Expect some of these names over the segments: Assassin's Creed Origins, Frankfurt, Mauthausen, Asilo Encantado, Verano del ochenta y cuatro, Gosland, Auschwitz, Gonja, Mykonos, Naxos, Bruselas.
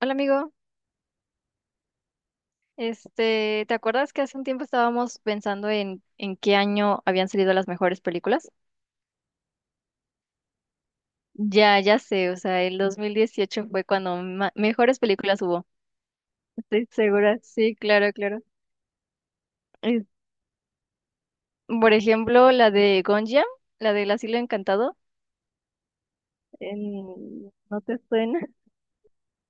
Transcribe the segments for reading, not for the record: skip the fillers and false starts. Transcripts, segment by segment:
Hola amigo, ¿te acuerdas que hace un tiempo estábamos pensando en qué año habían salido las mejores películas? Ya, ya sé, o sea, el 2018 fue cuando mejores películas hubo. Estoy segura, sí, claro, claro. Es- por ejemplo, la de Gonja, la del Asilo Encantado. ¿No te suena?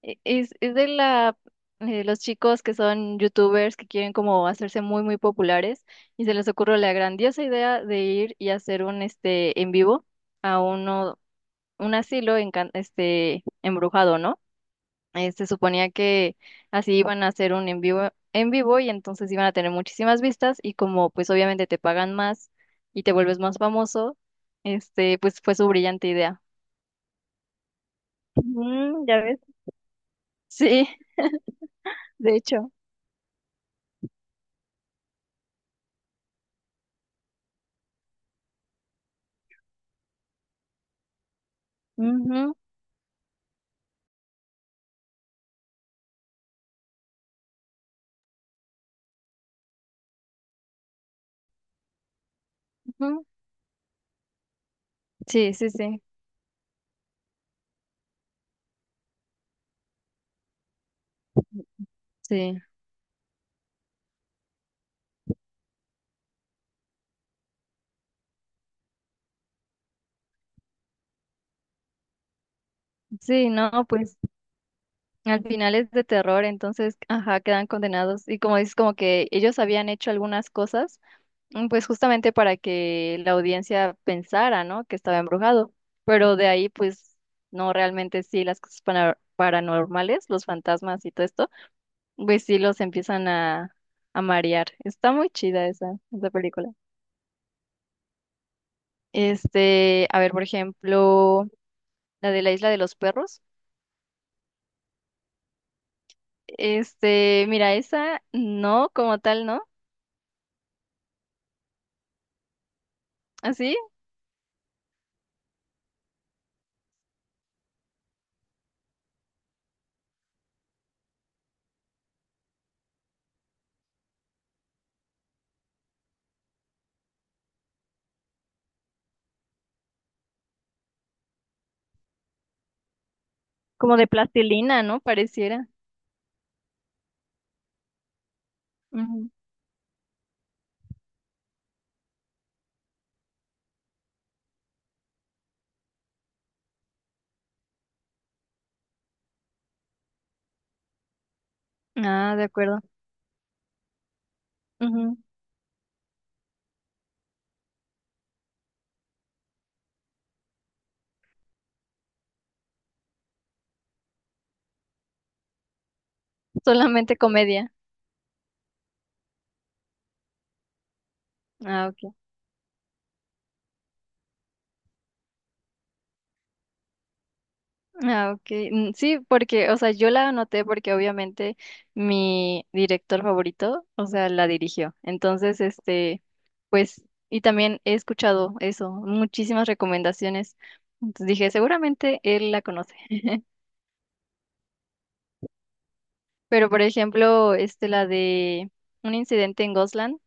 Es los chicos que son youtubers que quieren como hacerse muy, muy populares y se les ocurre la grandiosa idea de ir y hacer un en vivo a uno, un asilo embrujado, ¿no? Se suponía que así iban a hacer un en vivo y entonces iban a tener muchísimas vistas y como pues obviamente te pagan más y te vuelves más famoso. Pues fue su brillante idea. Mm, ya ves. Sí, de hecho. Ujú, ujú. Sí, sí, sí, sí, sí, no, pues al final es de terror, entonces, ajá, quedan condenados y como dices, como que ellos habían hecho algunas cosas, pues justamente para que la audiencia pensara, ¿no? Que estaba embrujado. Pero de ahí, pues, no, realmente sí, las cosas paranormales, los fantasmas y todo esto, pues sí los empiezan a marear. Está muy chida esa película. A ver, por ejemplo, la de la isla de los perros. Mira, esa no, como tal, ¿no? Así, como de plastilina, ¿no? Pareciera. Ujú. Ah, de acuerdo. Ujú. Solamente comedia. Ah, ok. Ah, ok. Mm, sí, porque, o sea, yo la anoté porque obviamente mi director favorito, o sea, la dirigió. Entonces, pues, y también he escuchado eso, muchísimas recomendaciones. Entonces dije, seguramente él la conoce. Pero por ejemplo, la de un incidente en Gosland,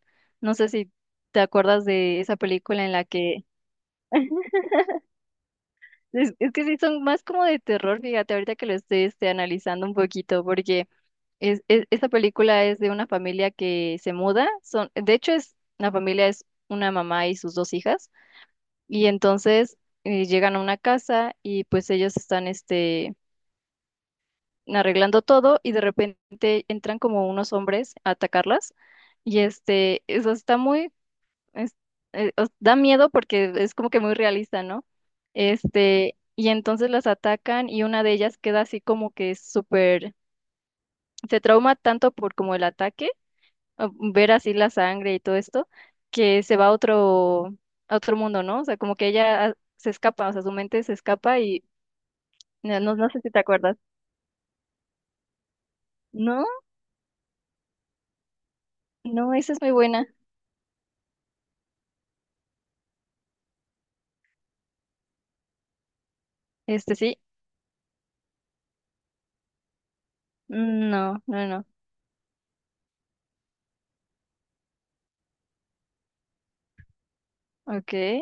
no sé si te acuerdas de esa película en la que es que sí son más como de terror, fíjate, ahorita que lo estoy analizando un poquito, porque esa película es de una familia que se muda, de hecho la familia es una mamá y sus dos hijas, y entonces llegan a una casa y pues ellos están arreglando todo y de repente entran como unos hombres a atacarlas y eso está es- da miedo porque es como que muy realista, ¿no? Y entonces las atacan y una de ellas queda así como que súper, se trauma tanto por como el ataque, o ver así la sangre y todo esto, que se va a otro mundo, ¿no? O sea, como que ella se escapa, o sea, su mente se escapa y no, no sé si te acuerdas. No, no, esa es muy buena. Sí, No, no, no. Okay.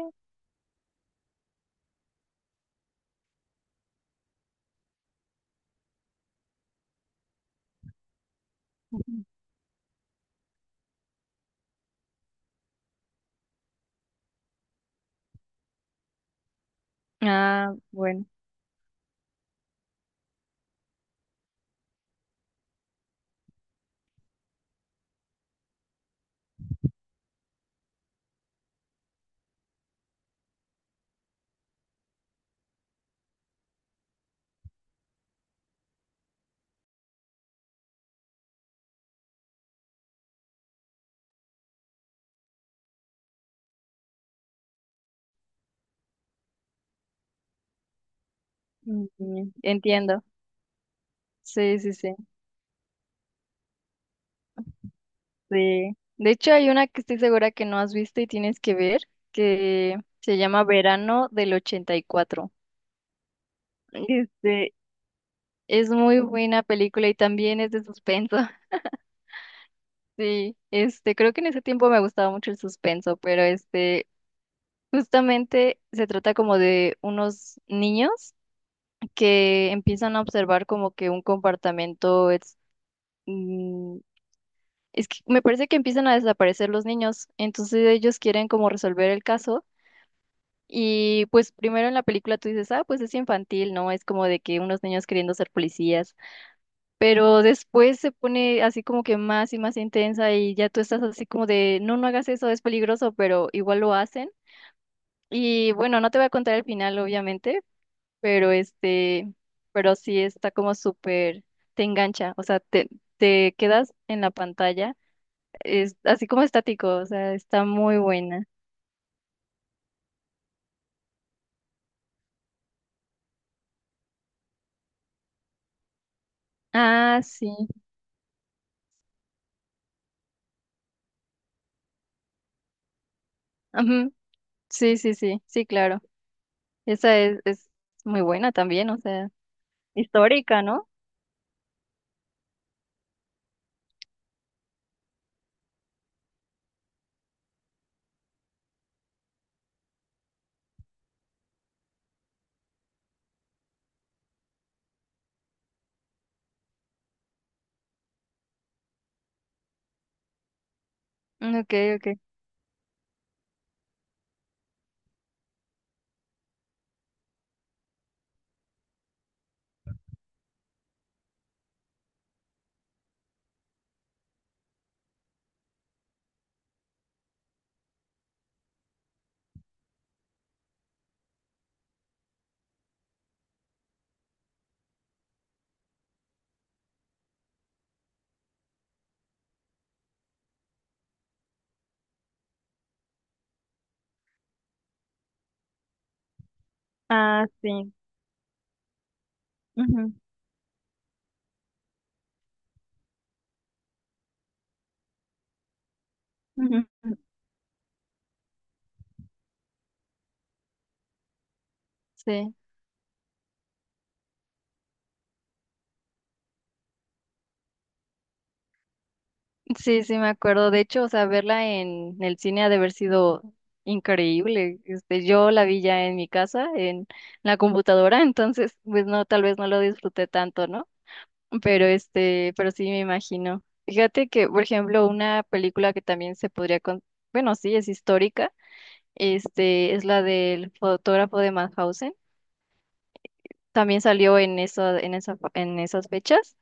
Ujú. Ah, bueno. Mm, mm, entiendo. Sí, sí, sí. Sí. De hecho, hay una que estoy segura que no has visto y tienes que ver, que se llama Verano del 84. Este, es muy buena película y también es de suspenso. Sí, creo que en ese tiempo me gustaba mucho el suspenso, pero justamente se trata como de unos niños que empiezan a observar como que un comportamiento. mm, es que me parece que empiezan a desaparecer los niños, entonces ellos quieren como resolver el caso y pues primero en la película tú dices, ah, pues es infantil, ¿no? Es como de que unos niños queriendo ser policías, pero después se pone así como que más y más intensa y ya tú estás así como de, no, no hagas eso, es peligroso, pero igual lo hacen. Y bueno, no te voy a contar el final, obviamente, pero pero sí está como súper, te engancha, o sea, te quedas en la pantalla. Es así como estático, o sea, está muy buena. Ah, sí. Ujú. Sí, sí, sí, sí, claro. Esa es muy buena también, o sea, histórica, ¿no? Mm, ok, ok. Ah, sí. Ujú, ujú, ujú. Sí, sí, sí, me acuerdo. De hecho, o sea, verla en el cine ha de haber sido increíble. Yo la vi ya en mi casa, en la computadora, entonces, pues no, tal vez no lo disfruté tanto, ¿no? Pero pero sí me imagino. Fíjate que, por ejemplo, una película que también se podría bueno, sí, es histórica, es la del fotógrafo de Mauthausen. También salió en eso, en en esas fechas.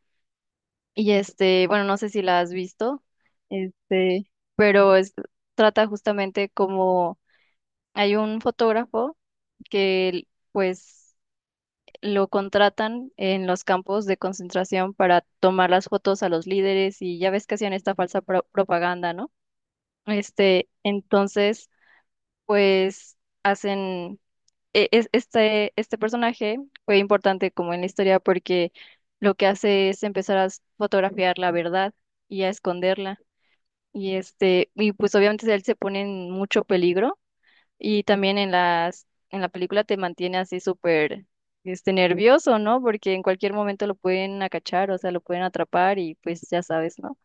Y bueno, no sé si la has visto, este, pero trata justamente como hay un fotógrafo que, pues, lo contratan en los campos de concentración para tomar las fotos a los líderes y ya ves que hacían esta falsa propaganda, ¿no? Entonces, pues hacen, e- es- este personaje fue importante como en la historia porque lo que hace es empezar a fotografiar la verdad y a esconderla. Y y pues obviamente él se pone en mucho peligro y también en en la película te mantiene así súper nervioso, ¿no? Porque en cualquier momento lo pueden acachar, o sea, lo pueden atrapar y pues ya sabes, ¿no?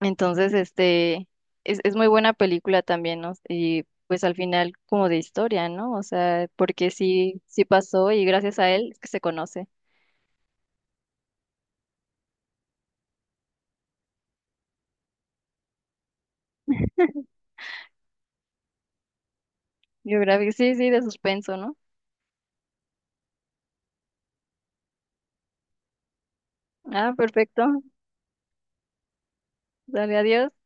Entonces, es muy buena película también, ¿no? Y pues al final como de historia, ¿no? O sea, porque sí, sí pasó y gracias a él es que se conoce. Biográfico, sí, sí, de suspenso, ¿no? Ah, perfecto. Dale, adiós.